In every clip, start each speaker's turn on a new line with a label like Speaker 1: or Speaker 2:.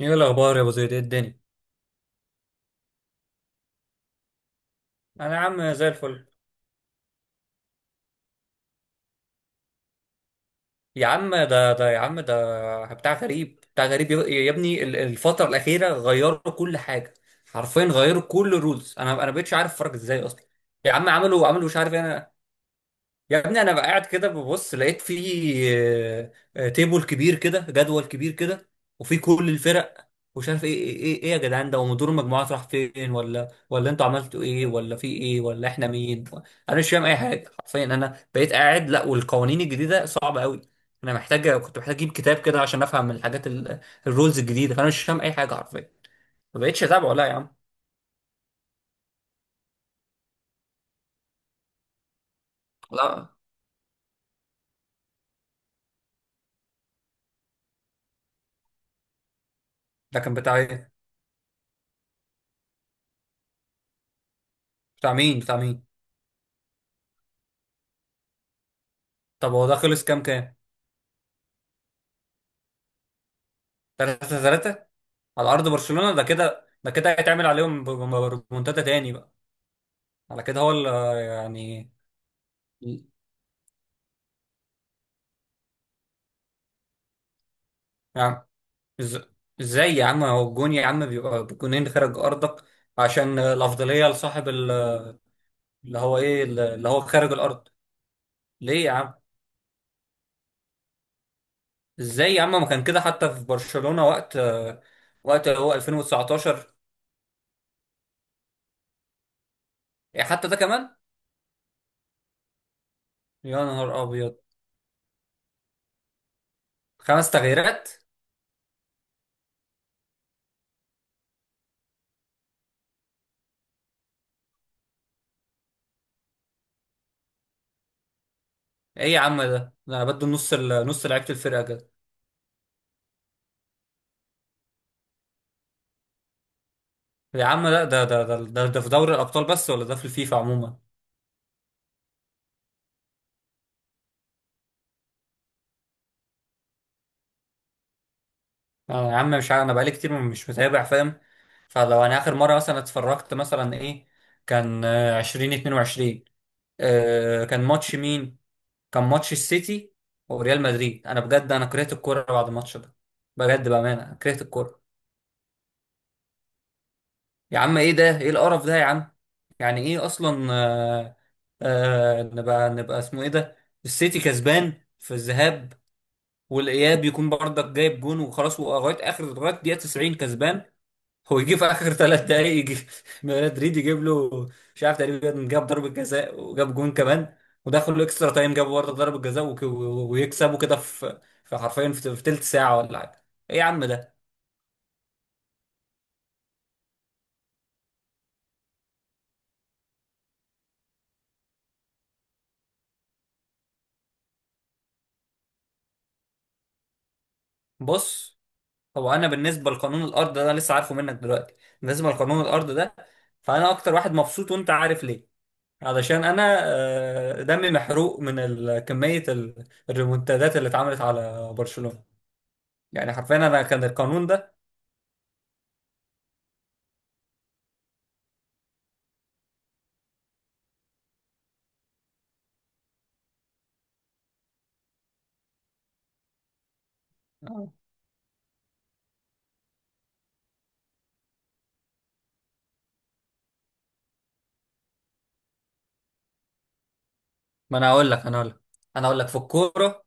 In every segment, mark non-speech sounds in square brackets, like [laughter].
Speaker 1: ايه الاخبار يا ابو زيد؟ ايه الدنيا؟ انا يا عم زي الفل. يا عم ده يا عم ده بتاع غريب بتاع غريب يا ابني، الفتره الاخيره غيروا كل حاجه. حرفيا غيروا كل الرولز. انا بقتش عارف اتفرج ازاي اصلا. يا عم عملوا مش عارف ايه. يا ابني انا بقى قاعد كده ببص، لقيت في تيبل كبير كده، جدول كبير كده، وفي كل الفرق، ومش عارف ايه، إيه يا جدعان؟ ده ومدير المجموعات راح فين؟ ولا انتوا عملتوا ايه، ولا في ايه، ولا احنا مين؟ انا مش فاهم اي حاجه حرفيا. انا بقيت قاعد، لا والقوانين الجديده صعبه قوي. انا محتاج، كنت محتاج اجيب كتاب كده عشان افهم الحاجات الرولز الجديده. فانا مش فاهم اي حاجه حرفيا. ما بقتش اتابعه، لا يا عم. لا، ده كان بتاع ايه؟ بتاع مين؟ طب هو ده خلص كام؟ 3-3 على ارض برشلونة. ده كده، ده كده هيتعمل عليهم ريمونتادا تاني بقى. على كده هو يعني. يعني إز- ازاي يا عم هو الجون يا عم بيبقى بجونين خارج ارضك؟ عشان الافضليه لصاحب اللي هو ايه، اللي هو خارج الارض. ليه يا عم؟ ازاي يا عم؟ ما كان كده حتى في برشلونة وقت اللي هو 2019. إيه؟ حتى ده كمان؟ يا نهار ابيض. خمس تغييرات؟ ايه يا عم؟ ده انا بدو نص نص لعيبه الفرقه كده. يا عم لا، ده ده في دوري الابطال بس، ولا ده في الفيفا عموما؟ آه يا عم مش عارف، انا بقالي كتير مش متابع، فاهم؟ فلو انا اخر مره مثلا اتفرجت مثلا ايه، كان 2022. آه، كان ماتش مين؟ كان ماتش السيتي وريال مدريد. انا بجد، انا كرهت الكوره بعد الماتش ده. بجد بامانه أنا كرهت الكوره. يا عم ايه ده؟ ايه القرف ده يا عم؟ يعني ايه اصلا؟ آه آه، نبقى اسمه ايه ده؟ السيتي كسبان في الذهاب، والاياب يكون برضك جايب جون وخلاص، ولغايه اخر لغايه دقيقه 90 كسبان. هو يجي في اخر 3 دقائق، يجي [laughs] مدريد يجيب له، مش عارف، تقريبا جاب ضربه جزاء وجاب جون كمان. ودخلوا اكسترا تايم، جابوا برضه ضربه جزاء، ويكسبوا كده، في حرفيا في تلت ساعه ولا حاجه. ايه يا عم ده؟ بص، هو انا بالنسبه لقانون الارض ده انا لسه عارفه منك دلوقتي. بالنسبه لقانون الارض ده، فانا اكتر واحد مبسوط، وانت عارف ليه؟ علشان انا، دمي محروق من كمية الريمونتادات اللي اتعملت على برشلونة. يعني حرفيا انا كان القانون ده. ما انا اقول لك، انا اقول لك في الكورة.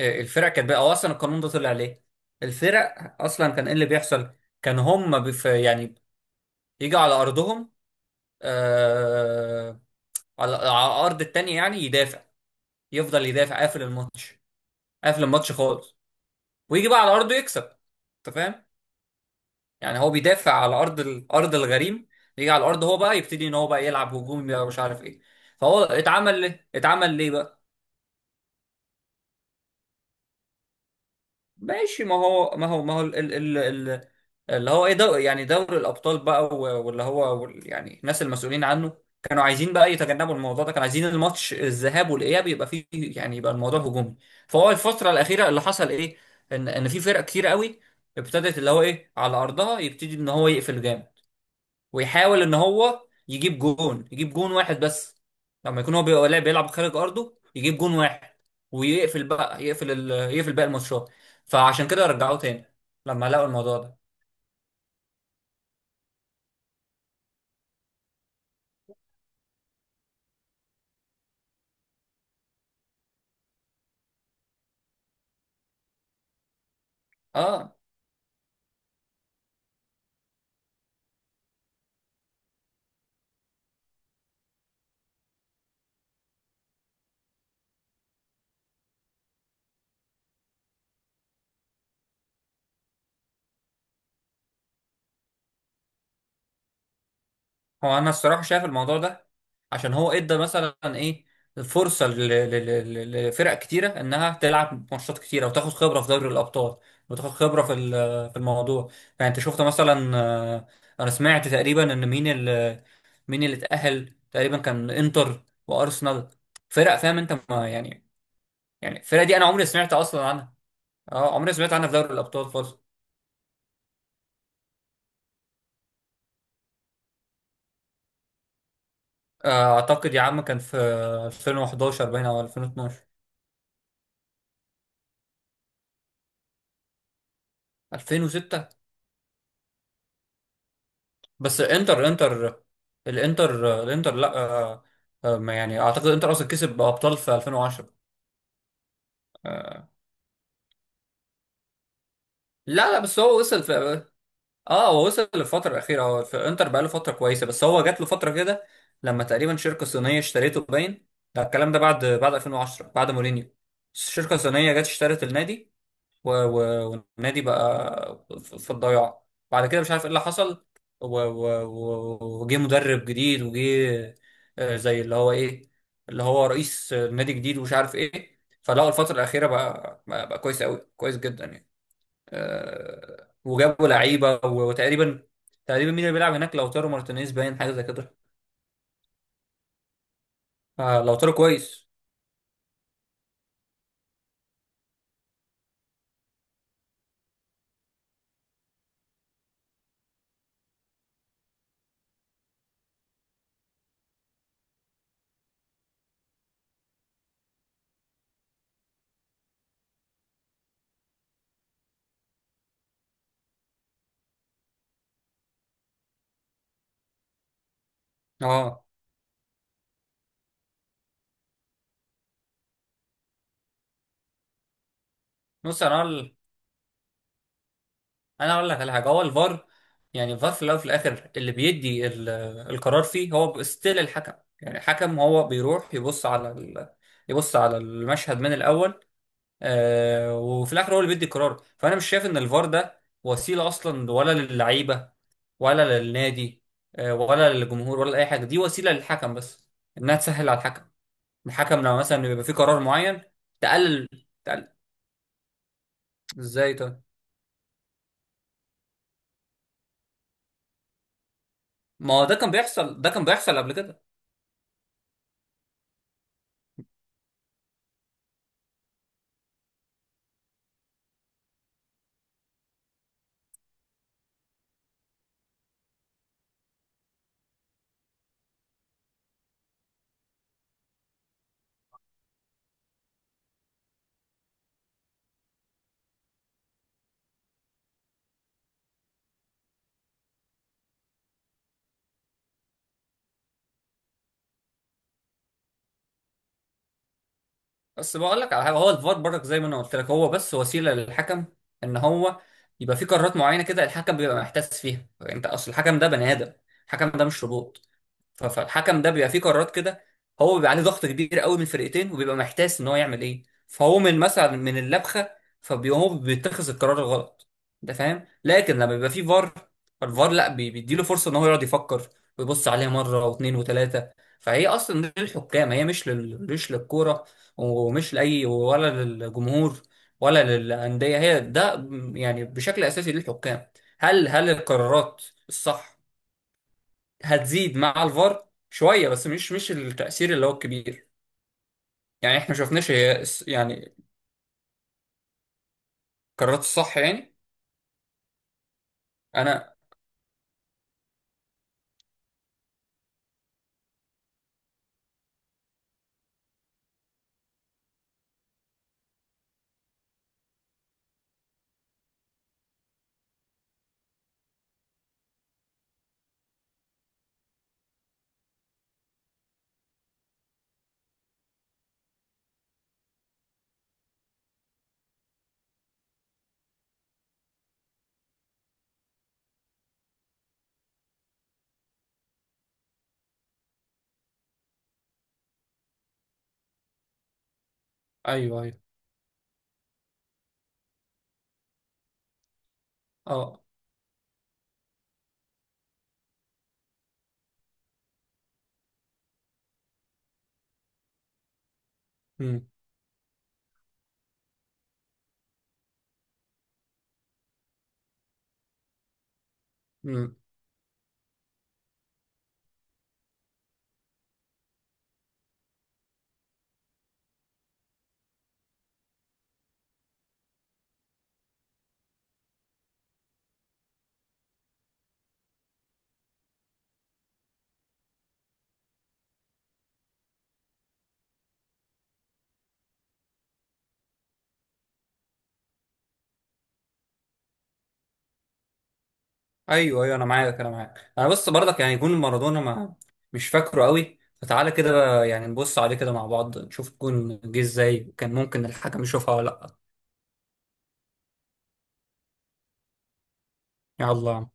Speaker 1: الفرق كانت بقى، هو اصلا القانون ده طلع ليه؟ الفرق اصلا كان ايه اللي بيحصل؟ كان هم يعني يجوا على ارضهم، آه، على ارض التانية، يعني يدافع، يفضل يدافع قافل الماتش، قافل الماتش خالص، ويجي بقى على ارضه يكسب. انت فاهم؟ يعني هو بيدافع على ارض الارض الغريم، يجي على الارض هو بقى يبتدي ان هو بقى يلعب هجومي بقى، ومش عارف ايه. فهو اتعمل ليه، اتعمل ليه بقى. ماشي، ما هو ال ال اللي هو ايه، يعني دوري الابطال بقى، يعني الناس المسؤولين عنه كانوا عايزين بقى يتجنبوا الموضوع ده. كانوا عايزين الماتش الذهاب والاياب يبقى فيه يعني، يبقى الموضوع هجومي. فهو الفتره الاخيره اللي حصل ايه، ان في فرق كتير قوي ابتدت، اللي هو ايه، على ارضها يبتدي ان هو يقفل جامد، ويحاول ان هو يجيب جون، يجيب جون واحد بس، لما يكون هو بيبقى لاعب بيلعب خارج ارضه يجيب جون واحد، ويقفل بقى، يقفل باقي الماتشات. فعشان كده رجعوه تاني لما لقوا الموضوع ده. اه. هو انا الصراحه شايف الموضوع ده عشان هو ادى مثلا ايه، فرصه لفرق كتيره انها تلعب ماتشات كتيره، وتاخد خبره في دوري الابطال، وتاخد خبره في في الموضوع. يعني انت شفت مثلا، آه، انا سمعت تقريبا ان مين اللي اتاهل تقريبا كان انتر وارسنال. فرق، فاهم انت ما يعني؟ يعني الفرق دي انا عمري سمعت اصلا عنها. اه، عمري سمعت عنها في دوري الابطال خالص. آه، اعتقد يا عم كان في 2011 باين، او 2012. 2006؟ بس انتر الانتر لا، آه، ما يعني اعتقد انتر اصلا كسب ابطال في 2010. آه، لا لا، بس هو وصل في آه، هو وصل للفتره الاخيره. هو في انتر بقى له فتره كويسه، بس هو جات له فتره كده لما تقريبا شركه صينيه اشتريته باين. ده الكلام ده بعد 2010، بعد مورينيو. الشركه الصينيه جت اشترت النادي، و... و... والنادي بقى في الضياع، بعد كده مش عارف ايه اللي حصل، و... و... و... وجه مدرب جديد، وجه آه، زي اللي هو ايه، اللي هو رئيس نادي جديد، ومش عارف ايه، فلقوا الفترة الأخيرة بقى، بقى كويس قوي، كويس جدا يعني. آه، وجابوا لعيبة وتقريبا، تقريبا مين اللي بيلعب هناك، لوتارو مارتينيز باين، حاجة زي كده. آه، لوتارو كويس. اه. نص انا، انا اقول لك على حاجه. هو الفار، يعني الفار في الاول وفي الاخر اللي بيدي آه، القرار فيه هو ستيل الحكم. يعني الحكم هو بيروح يبص على آه، يبص على المشهد من الاول. آه، وفي الاخر هو اللي بيدي القرار. فانا مش شايف ان الفار ده وسيله اصلا، ولا للعيبه، ولا للنادي، آه، ولا للجمهور، ولا اي حاجه. دي وسيله للحكم بس، انها تسهل على الحكم، الحكم لما مثلا يبقى في قرار معين. تقلل تقلل. ازاي طيب؟ ما هو ده كان بيحصل، ده كان بيحصل قبل كده. بس بقول لك على حاجه، هو الفار برضك زي ما انا قلت لك، هو بس وسيله للحكم، ان هو يبقى في قرارات معينه كده الحكم بيبقى محتاس فيها. انت اصل الحكم ده بني ادم، الحكم ده مش روبوت. فالحكم ده بيبقى فيه قرارات كده، هو بيبقى عليه ضغط كبير قوي من الفرقتين، وبيبقى محتاس ان هو يعمل ايه، فهو من مثلا من اللبخه فبيبقى هو بيتخذ القرار الغلط. انت فاهم؟ لكن لما بيبقى فيه فار، فالفار لا، بيديله فرصه ان هو يقعد يفكر، ويبص عليها مره واثنين وثلاثه. فهي اصلا للحكام، هي مش مش للكوره، ومش لاي، ولا للجمهور، ولا للانديه، هي ده، يعني بشكل اساسي للحكام. هل القرارات الصح هتزيد مع الفار شويه، بس مش التاثير اللي هو الكبير. يعني احنا ما شفناش هي يعني قررت الصح يعني. انا، ايوه، ايوه. اه. امم. امم. ايوه، ايوه، انا معاك، انا معاك، انا بس برضك يعني جون مارادونا، ما مش فاكره قوي، فتعالى كده بقى يعني نبص عليه كده مع بعض، نشوف الجون جه ازاي وكان ممكن الحكم يشوفها ولا. لا، يلا.